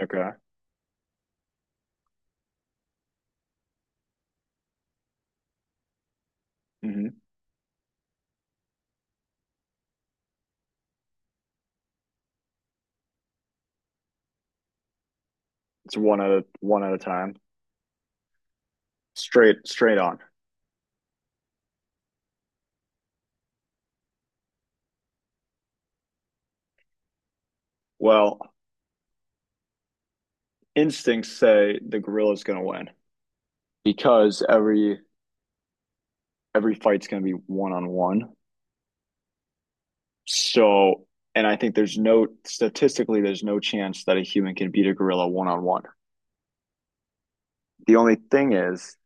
Okay. hmm It's one at a time. Straight on. Well, instincts say the gorilla's gonna win because every fight's gonna be one on one. So, and I think there's no statistically there's no chance that a human can beat a gorilla one on one. The only thing is,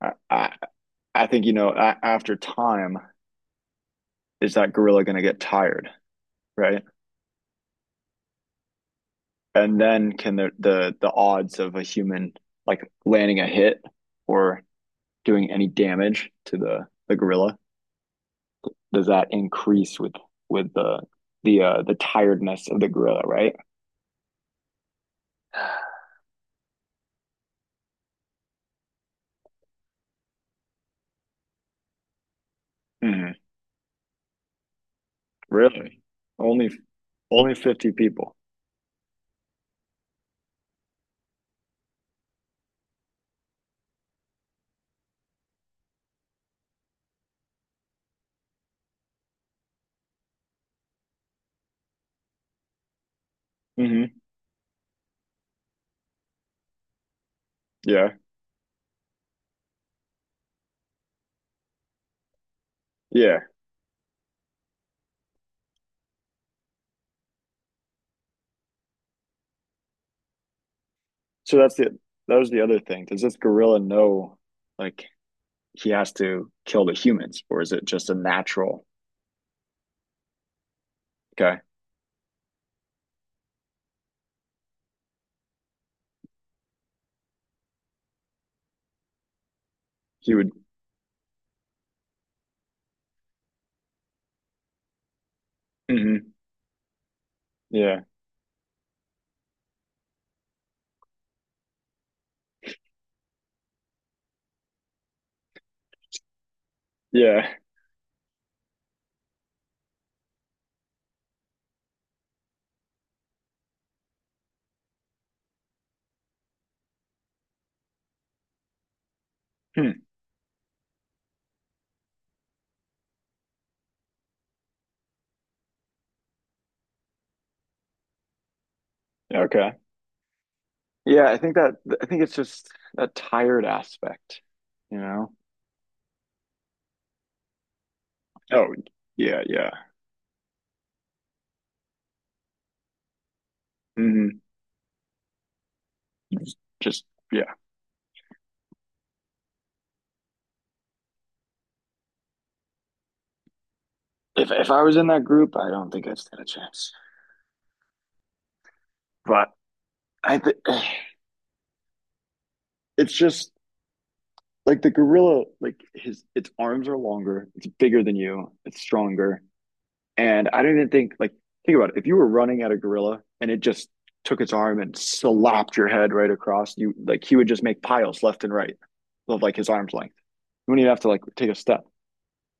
I I think you know after time is that gorilla gonna get tired, right? And then can the odds of a human like landing a hit or doing any damage to the gorilla, does that increase with with the tiredness of the gorilla, right? Hmm. Really? Only only 50 people. Hmm. Yeah. Yeah. So, that was the other thing. Does this gorilla know like he has to kill the humans or is it just a natural? Okay. He would. Hmm. Yeah. Yeah. Hmm. Okay. Yeah, I think that I think it's just that tired aspect, you know? Oh, yeah, yeah. Hmm. Just yeah. If I was in that group, I don't think I'd stand a chance. But I think, it's just like the gorilla, like his its arms are longer, it's bigger than you, it's stronger, and I don't even think like, think about it. If you were running at a gorilla and it just took its arm and slapped your head right across, you like, he would just make piles left and right of like his arm's length. You wouldn't even have to like take a step.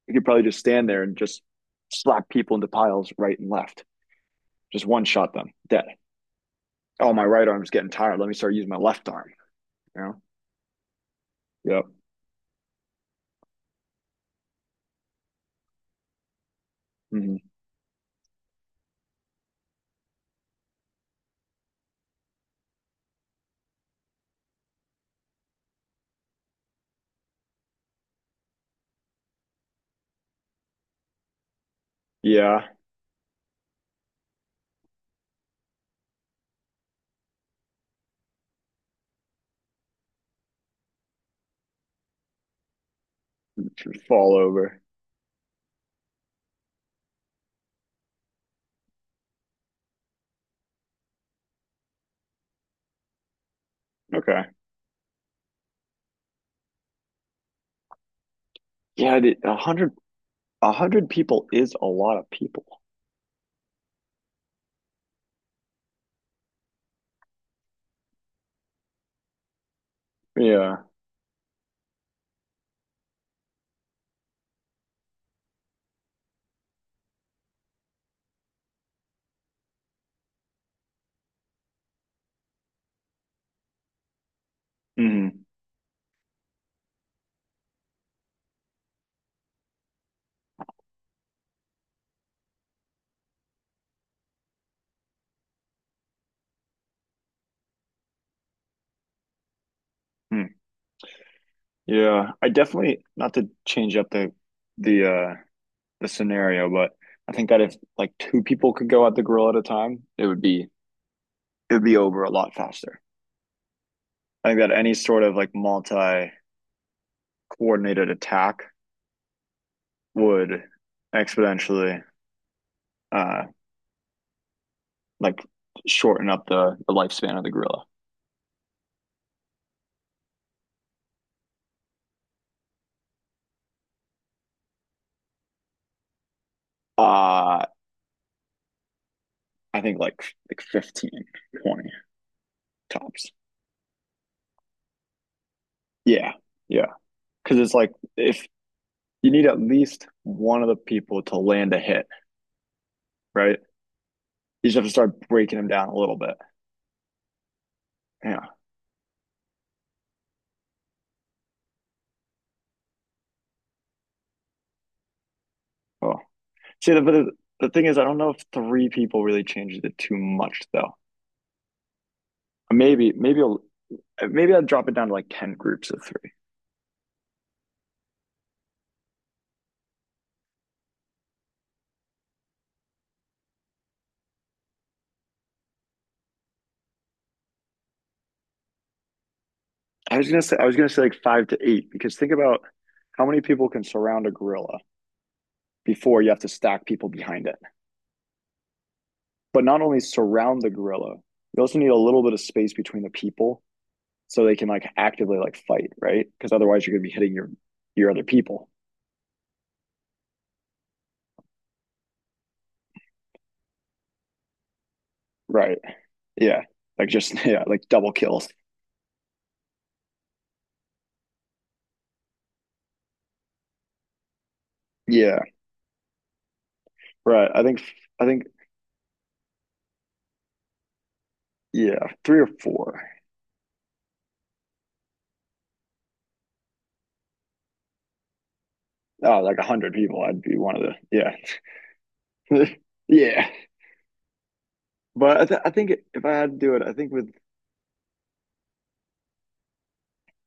You could probably just stand there and just slap people into piles right and left. Just one shot them dead. Oh, my right arm's getting tired. Let me start using my left arm. You know? Yep. Hmm. Yeah. Fall over. Okay. Yeah. A hundred. A hundred people is a lot of people. Yeah. Mm-hmm. Hmm. Yeah. I definitely, not to change up the the scenario, but I think that if like two people could go at the grill at a time, it would be over a lot faster. I think that any sort of like multi coordinated attack would exponentially, uh, like shorten up the lifespan of the gorilla. Uh, I think like 15, 20 tops. Yeah, yeah. Because it's like, if you need at least one of the people to land a hit, right? You just have to start breaking them down a little bit. Yeah. Oh, see, the thing is, I don't know if three people really changes it too much though. Maybe maybe maybe I'd drop it down to like ten groups of three. I was gonna say I was gonna say like five to eight because think about how many people can surround a gorilla before you have to stack people behind it. But not only surround the gorilla, you also need a little bit of space between the people so they can like actively like fight, right? Because otherwise you're gonna be hitting your other people. Right. Yeah. Like just yeah, like double kills. Yeah. Right. I think yeah, three or four. Oh, like a hundred people. I'd be one of the, yeah, yeah. But I think if I had to do it, I think with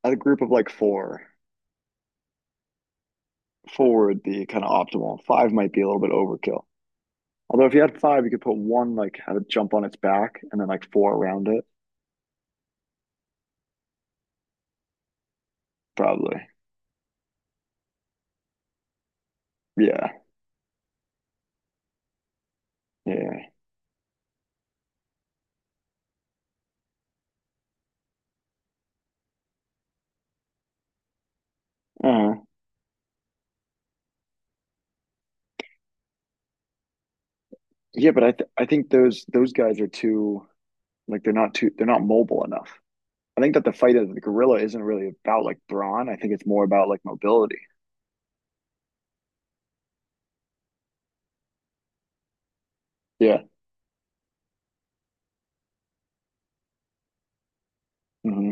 a group of like four, four would be kind of optimal. Five might be a little bit overkill. Although if you had five, you could put one like have it jump on its back and then like four around it, probably. Yeah, yeah, uh, yeah. But I think those guys are too like, they're not too they're not mobile enough. I think that the fight of the gorilla isn't really about like brawn. I think it's more about like mobility. Yeah. Hmm.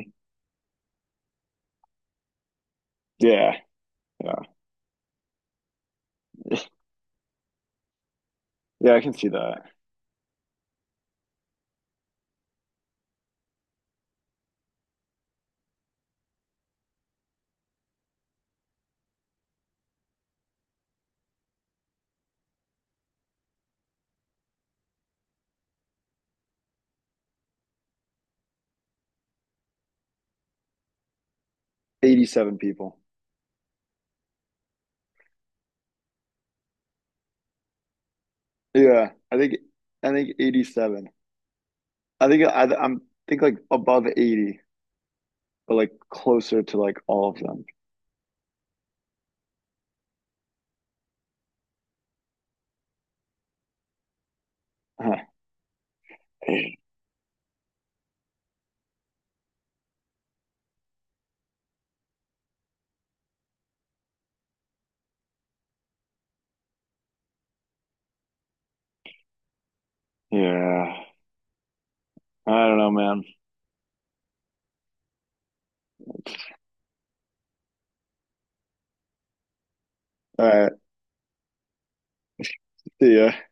Yeah. Yeah. Yeah, I can see that. 87 people. Yeah. I think 87. I think I I'm think like above 80, but like closer to like all of them. Huh. Yeah. I don't know, man. All right. See ya.